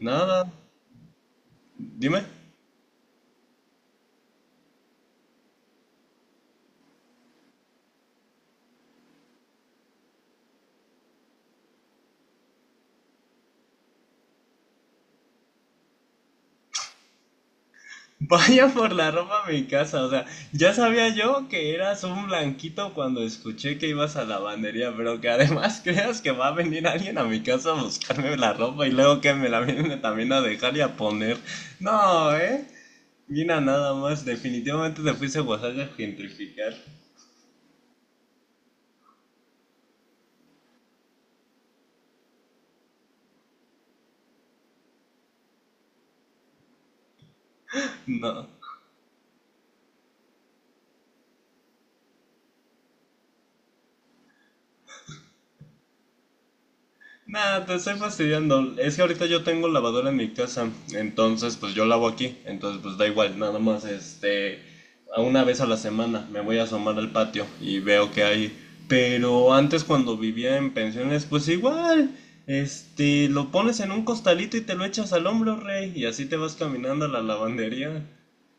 Nada, dime. Vaya por la ropa a mi casa, o sea, ya sabía yo que eras un blanquito cuando escuché que ibas a la lavandería, pero que además creas que va a venir alguien a mi casa a buscarme la ropa y luego que me la viene también a dejar y a poner. No, ¿eh? Mira nada más, definitivamente te fuiste a Oaxaca a gentrificar. No. Nada, te estoy fastidiando. Es que ahorita yo tengo lavadora en mi casa, entonces pues yo lavo aquí, entonces pues da igual, nada más a una vez a la semana me voy a asomar al patio y veo que hay. Pero antes cuando vivía en pensiones, pues igual, lo pones en un costalito y te lo echas al hombro, rey, y así te vas caminando a la lavandería.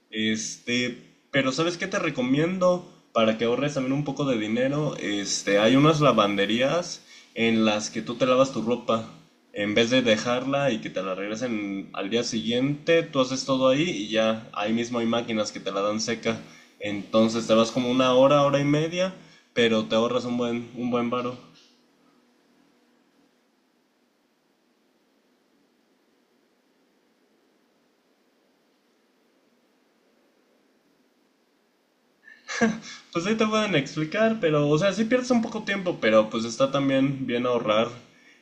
Este, pero ¿sabes qué te recomiendo? Para que ahorres también un poco de dinero, hay unas lavanderías en las que tú te lavas tu ropa. En vez de dejarla y que te la regresen al día siguiente, tú haces todo ahí y ya ahí mismo hay máquinas que te la dan seca. Entonces te vas como una hora, hora y media, pero te ahorras un buen varo. Pues ahí te pueden explicar, pero, o sea, sí pierdes un poco tiempo, pero pues está también bien ahorrar.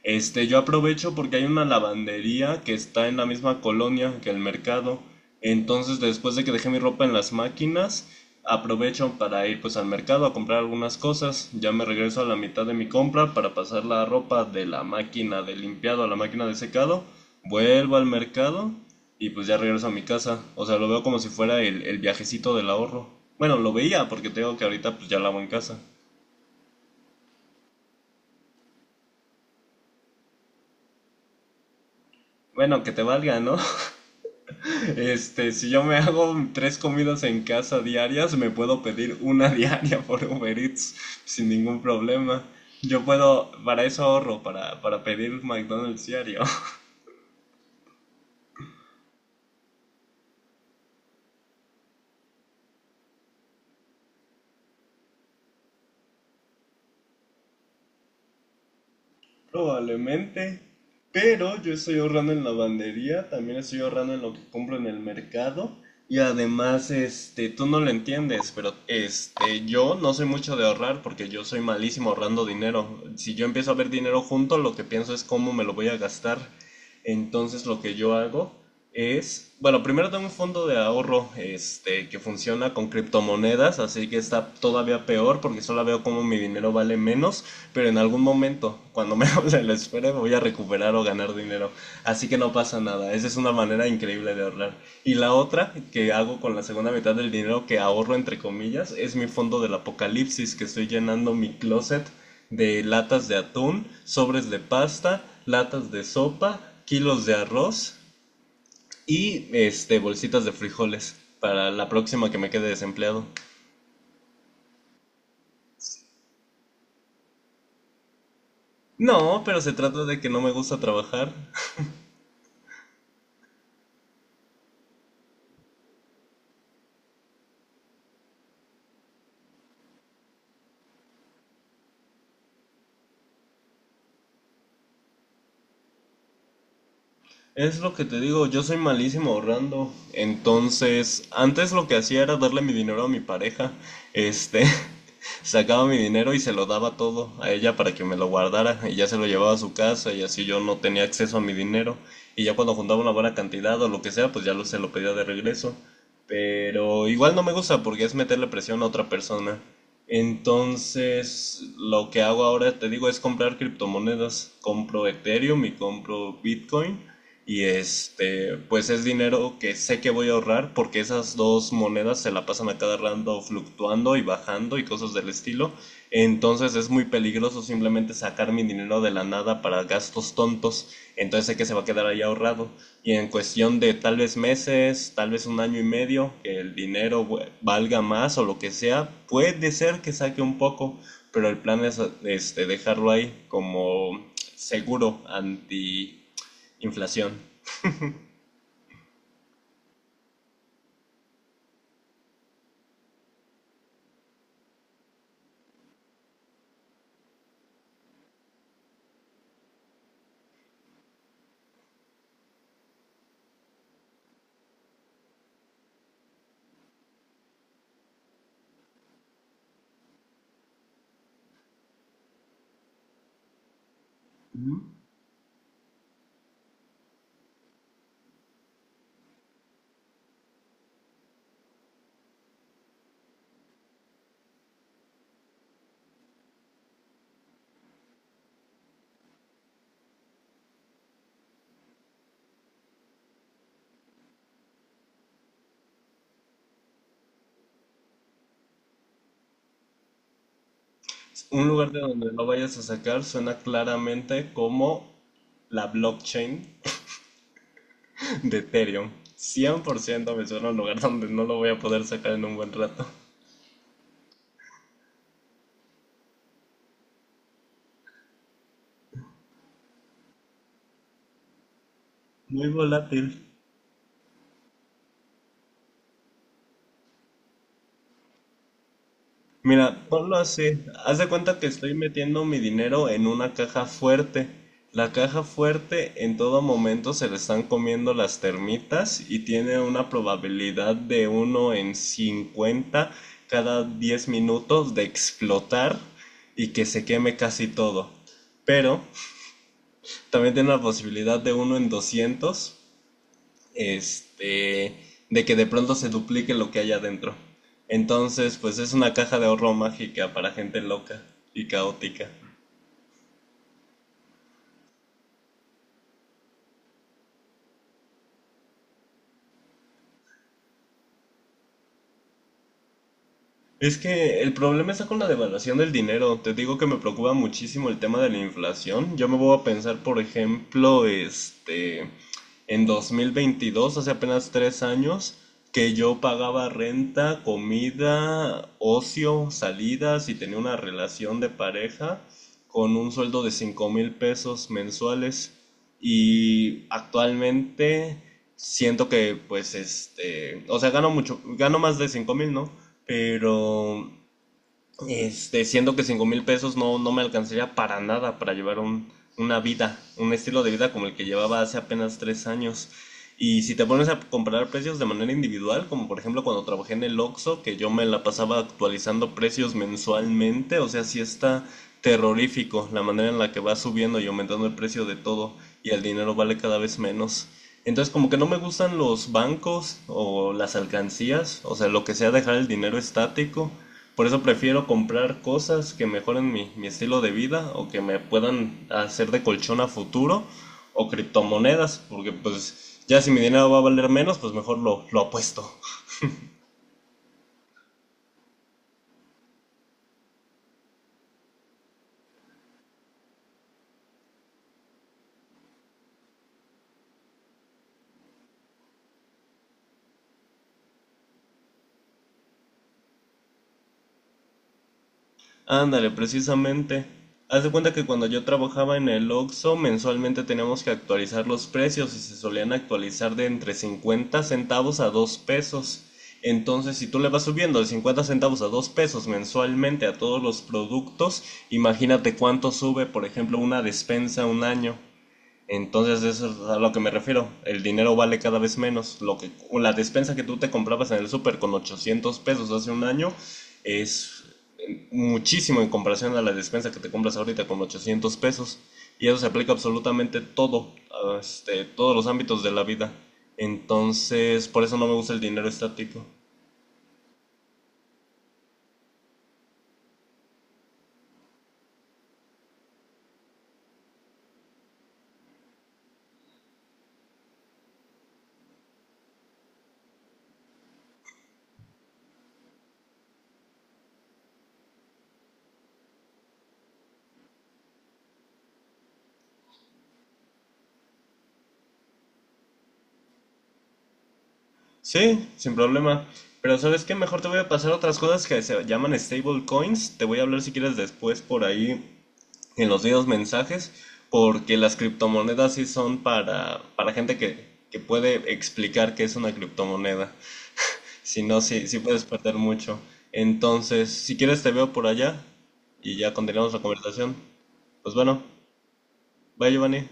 Yo aprovecho porque hay una lavandería que está en la misma colonia que el mercado. Entonces, después de que dejé mi ropa en las máquinas, aprovecho para ir pues al mercado a comprar algunas cosas. Ya me regreso a la mitad de mi compra para pasar la ropa de la máquina de limpiado a la máquina de secado. Vuelvo al mercado y pues ya regreso a mi casa. O sea, lo veo como si fuera el viajecito del ahorro. Bueno, lo veía porque tengo que ahorita pues ya lavo en casa. Bueno, que te valga, ¿no? Si yo me hago tres comidas en casa diarias, me puedo pedir una diaria por Uber Eats sin ningún problema. Yo puedo, para eso ahorro, para pedir McDonald's diario. Probablemente, pero yo estoy ahorrando en lavandería, también estoy ahorrando en lo que compro en el mercado y además, tú no lo entiendes, pero yo no soy mucho de ahorrar porque yo soy malísimo ahorrando dinero. Si yo empiezo a ver dinero junto, lo que pienso es cómo me lo voy a gastar. Entonces, lo que yo hago es, bueno, primero tengo un fondo de ahorro, que funciona con criptomonedas, así que está todavía peor porque solo veo cómo mi dinero vale menos. Pero en algún momento, cuando me hable la esfera, voy a recuperar o ganar dinero. Así que no pasa nada. Esa es una manera increíble de ahorrar. Y la otra que hago con la segunda mitad del dinero que ahorro, entre comillas, es mi fondo del apocalipsis, que estoy llenando mi closet de latas de atún, sobres de pasta, latas de sopa, kilos de arroz y bolsitas de frijoles para la próxima que me quede desempleado. No, pero se trata de que no me gusta trabajar. Es lo que te digo, yo soy malísimo ahorrando. Entonces, antes lo que hacía era darle mi dinero a mi pareja. Este, Sacaba mi dinero y se lo daba todo a ella para que me lo guardara y ya se lo llevaba a su casa y así yo no tenía acceso a mi dinero. Y ya cuando juntaba una buena cantidad o lo que sea, pues ya se lo pedía de regreso. Pero igual no me gusta porque es meterle presión a otra persona. Entonces, lo que hago ahora, te digo, es comprar criptomonedas. Compro Ethereum y compro Bitcoin y pues es dinero que sé que voy a ahorrar porque esas dos monedas se la pasan a cada rato fluctuando y bajando y cosas del estilo. Entonces es muy peligroso simplemente sacar mi dinero de la nada para gastos tontos. Entonces sé que se va a quedar ahí ahorrado. Y en cuestión de tal vez meses, tal vez un año y medio, que el dinero valga más o lo que sea, puede ser que saque un poco, pero el plan es este, dejarlo ahí como seguro anti inflación. Un lugar de donde lo vayas a sacar suena claramente como la blockchain de Ethereum. 100% me suena un lugar donde no lo voy a poder sacar en un buen rato. Muy volátil. Mira, ponlo así. Haz de cuenta que estoy metiendo mi dinero en una caja fuerte. La caja fuerte en todo momento se le están comiendo las termitas y tiene una probabilidad de uno en 50 cada 10 minutos de explotar y que se queme casi todo. Pero también tiene la posibilidad de uno en 200 este, de que de pronto se duplique lo que hay adentro. Entonces, pues es una caja de ahorro mágica para gente loca y caótica. Es que el problema está con la devaluación del dinero. Te digo que me preocupa muchísimo el tema de la inflación. Yo me voy a pensar, por ejemplo, en 2022, hace apenas 3 años, que yo pagaba renta, comida, ocio, salidas y tenía una relación de pareja con un sueldo de 5,000 pesos mensuales. Y actualmente siento que pues o sea, gano mucho, gano más de 5,000, ¿no? Pero siendo que 5,000 pesos no, no me alcanzaría para nada para llevar una vida, un estilo de vida como el que llevaba hace apenas tres años. Y si te pones a comparar precios de manera individual, como por ejemplo cuando trabajé en el Oxxo, que yo me la pasaba actualizando precios mensualmente, o sea, sí está terrorífico la manera en la que va subiendo y aumentando el precio de todo y el dinero vale cada vez menos. Entonces como que no me gustan los bancos o las alcancías, o sea, lo que sea dejar el dinero estático por eso prefiero comprar cosas que mejoren mi estilo de vida o que me puedan hacer de colchón a futuro o criptomonedas, porque pues ya si mi dinero va a valer menos, pues mejor lo apuesto. Ándale, precisamente. Haz de cuenta que cuando yo trabajaba en el Oxxo, mensualmente teníamos que actualizar los precios y se solían actualizar de entre 50 centavos a 2 pesos. Entonces, si tú le vas subiendo de 50 centavos a 2 pesos mensualmente a todos los productos, imagínate cuánto sube, por ejemplo, una despensa un año. Entonces, eso es a lo que me refiero. El dinero vale cada vez menos. Lo que, la despensa que tú te comprabas en el súper con 800 pesos hace un año es muchísimo en comparación a la despensa que te compras ahorita con 800 pesos. Y eso se aplica absolutamente todo, a todos los ámbitos de la vida. Entonces, por eso no me gusta el dinero estático. Sí, sin problema. Pero ¿sabes qué? Mejor te voy a pasar otras cosas que se llaman stable coins. Te voy a hablar si quieres después por ahí en los videos mensajes. Porque las criptomonedas sí son para gente que puede explicar qué es una criptomoneda. Si no, sí, sí puedes perder mucho. Entonces, si quieres te veo por allá y ya continuamos la conversación. Pues bueno, bye Giovanni.